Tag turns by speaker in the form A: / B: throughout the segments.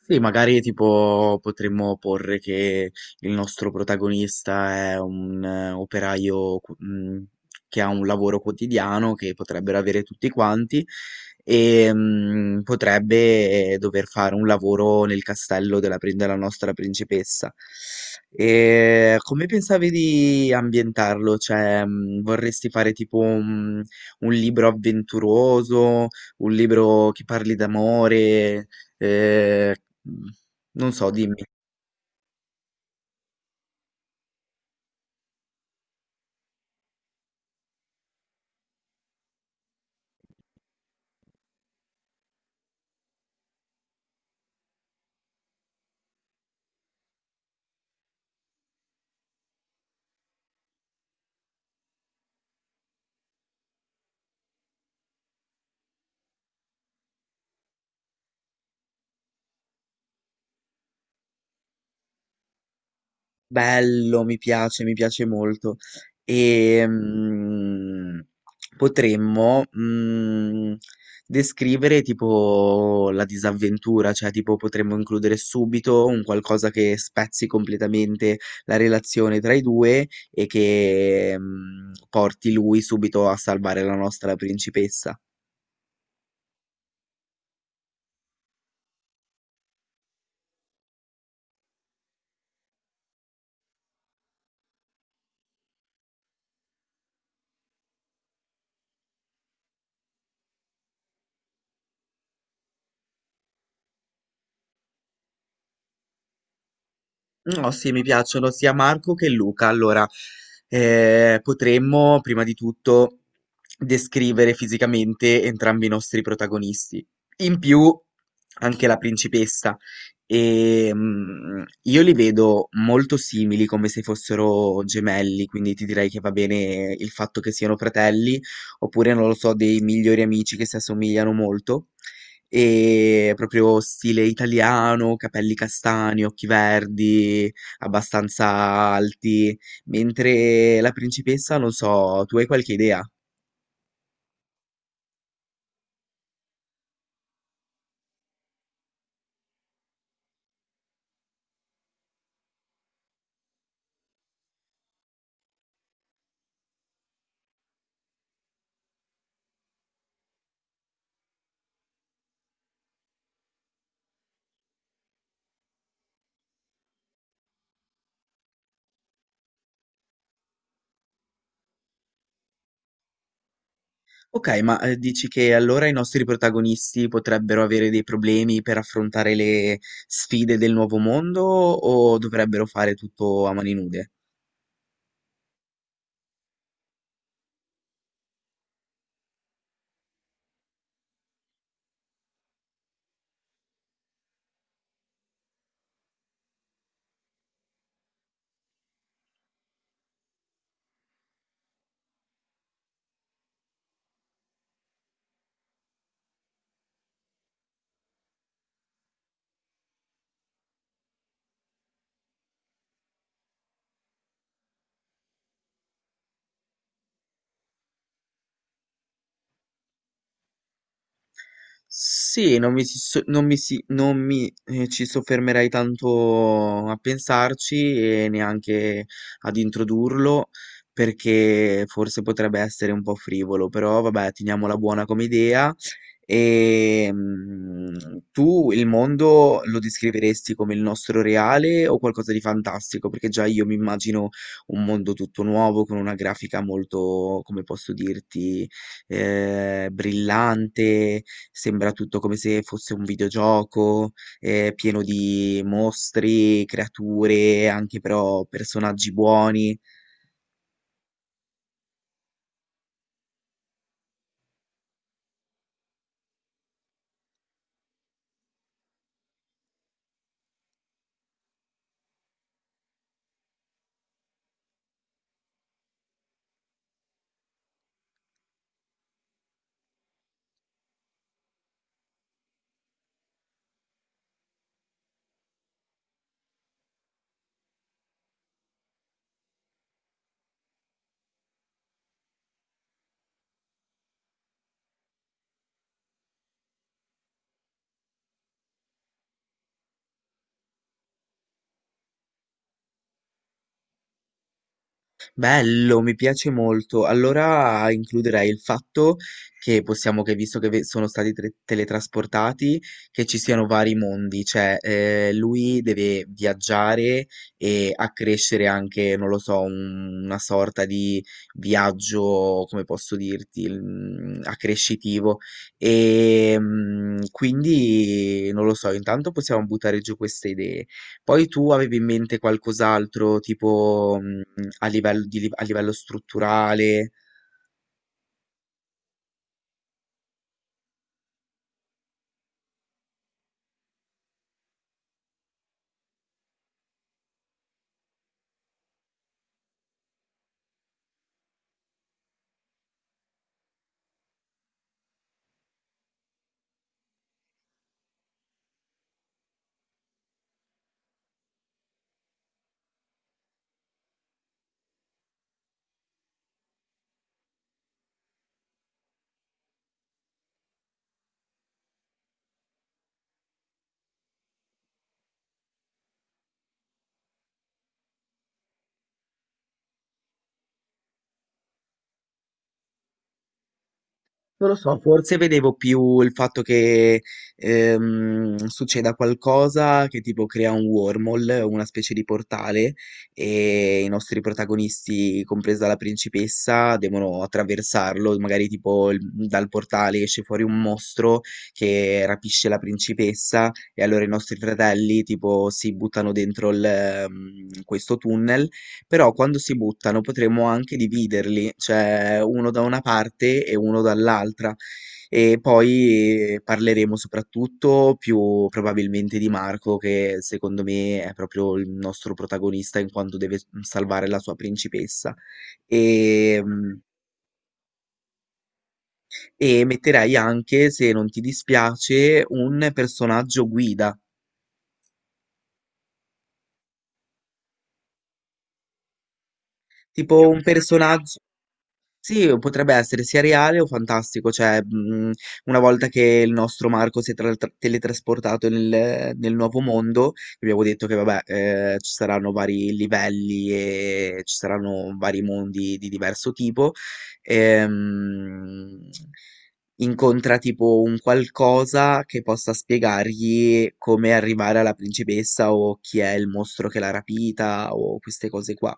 A: Sì, magari tipo potremmo porre che il nostro protagonista è un operaio che ha un lavoro quotidiano che potrebbero avere tutti quanti e potrebbe dover fare un lavoro nel castello della nostra principessa. E come pensavi di ambientarlo? Cioè, vorresti fare tipo un libro avventuroso, un libro che parli d'amore? eh, mh, non so, dimmi, bello, mi piace molto. E potremmo descrivere tipo la disavventura, cioè tipo potremmo includere subito un qualcosa che spezzi completamente la relazione tra i due e che porti lui subito a salvare la nostra principessa. No, sì, mi piacciono sia Marco che Luca. Allora, potremmo prima di tutto descrivere fisicamente entrambi i nostri protagonisti. In più, anche la principessa. E, io li vedo molto simili, come se fossero gemelli, quindi ti direi che va bene il fatto che siano fratelli, oppure non lo so, dei migliori amici che si assomigliano molto. E proprio stile italiano, capelli castani, occhi verdi, abbastanza alti, mentre la principessa, non so, tu hai qualche idea? Ok, ma dici che allora i nostri protagonisti potrebbero avere dei problemi per affrontare le sfide del nuovo mondo o dovrebbero fare tutto a mani nude? Sì, non mi si so non mi si non mi, ci soffermerei tanto a pensarci e neanche ad introdurlo, perché forse potrebbe essere un po' frivolo, però vabbè teniamola buona come idea. Tu il mondo lo descriveresti come il nostro reale o qualcosa di fantastico? Perché già io mi immagino un mondo tutto nuovo con una grafica molto, come posso dirti brillante, sembra tutto come se fosse un videogioco, pieno di mostri, creature, anche però personaggi buoni. Bello, mi piace molto. Allora includerei il fatto che possiamo, che visto che teletrasportati, che ci siano vari mondi, cioè lui deve viaggiare e accrescere anche, non lo so, una sorta di viaggio, come posso dirti, accrescitivo. E quindi, non lo so, intanto possiamo buttare giù queste idee. Poi tu avevi in mente qualcos'altro, tipo, a livello di, a livello strutturale? Non lo so, forse vedevo più il fatto che succeda qualcosa che tipo crea un wormhole, una specie di portale, e i nostri protagonisti, compresa la principessa, devono attraversarlo, magari tipo dal portale esce fuori un mostro che rapisce la principessa e allora i nostri fratelli tipo si buttano dentro questo tunnel però quando si buttano potremmo anche dividerli, cioè uno da una parte e uno dall'altra. E poi parleremo soprattutto più probabilmente di Marco, che secondo me è proprio il nostro protagonista in quanto deve salvare la sua principessa. E, e metterei anche, se non ti dispiace, un personaggio guida, tipo un personaggio. Sì, potrebbe essere sia reale o fantastico, cioè una volta che il nostro Marco si è teletrasportato nel nuovo mondo, abbiamo detto che vabbè, ci saranno vari livelli e ci saranno vari mondi di diverso tipo, ehm, incontra tipo un qualcosa che possa spiegargli come arrivare alla principessa o chi è il mostro che l'ha rapita o queste cose qua.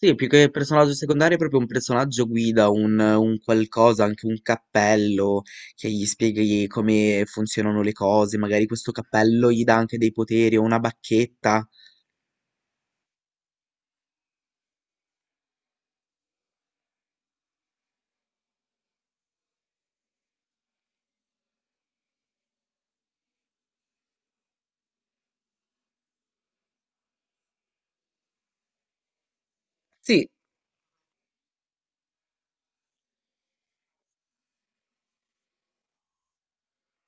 A: Sì, più che personaggio secondario, è proprio un personaggio guida, un qualcosa, anche un cappello che gli spieghi come funzionano le cose. Magari questo cappello gli dà anche dei poteri o una bacchetta. Sì,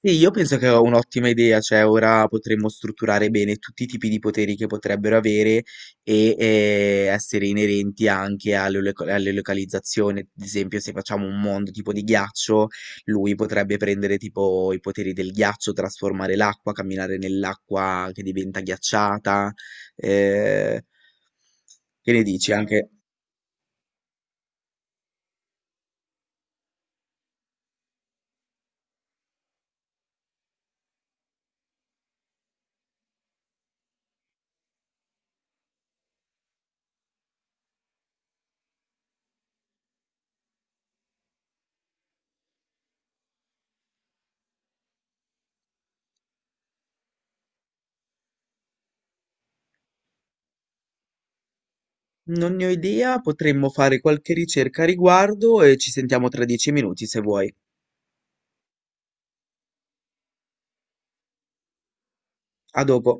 A: sì, io penso che è un'ottima idea, cioè ora potremmo strutturare bene tutti i tipi di poteri che potrebbero avere e essere inerenti anche alle localizzazioni. Ad esempio, se facciamo un mondo tipo di ghiaccio, lui potrebbe prendere tipo i poteri del ghiaccio, trasformare l'acqua, camminare nell'acqua che diventa ghiacciata. eh, che ne dici? Anche... Non ne ho idea, potremmo fare qualche ricerca a riguardo e ci sentiamo tra 10 minuti se vuoi. A dopo.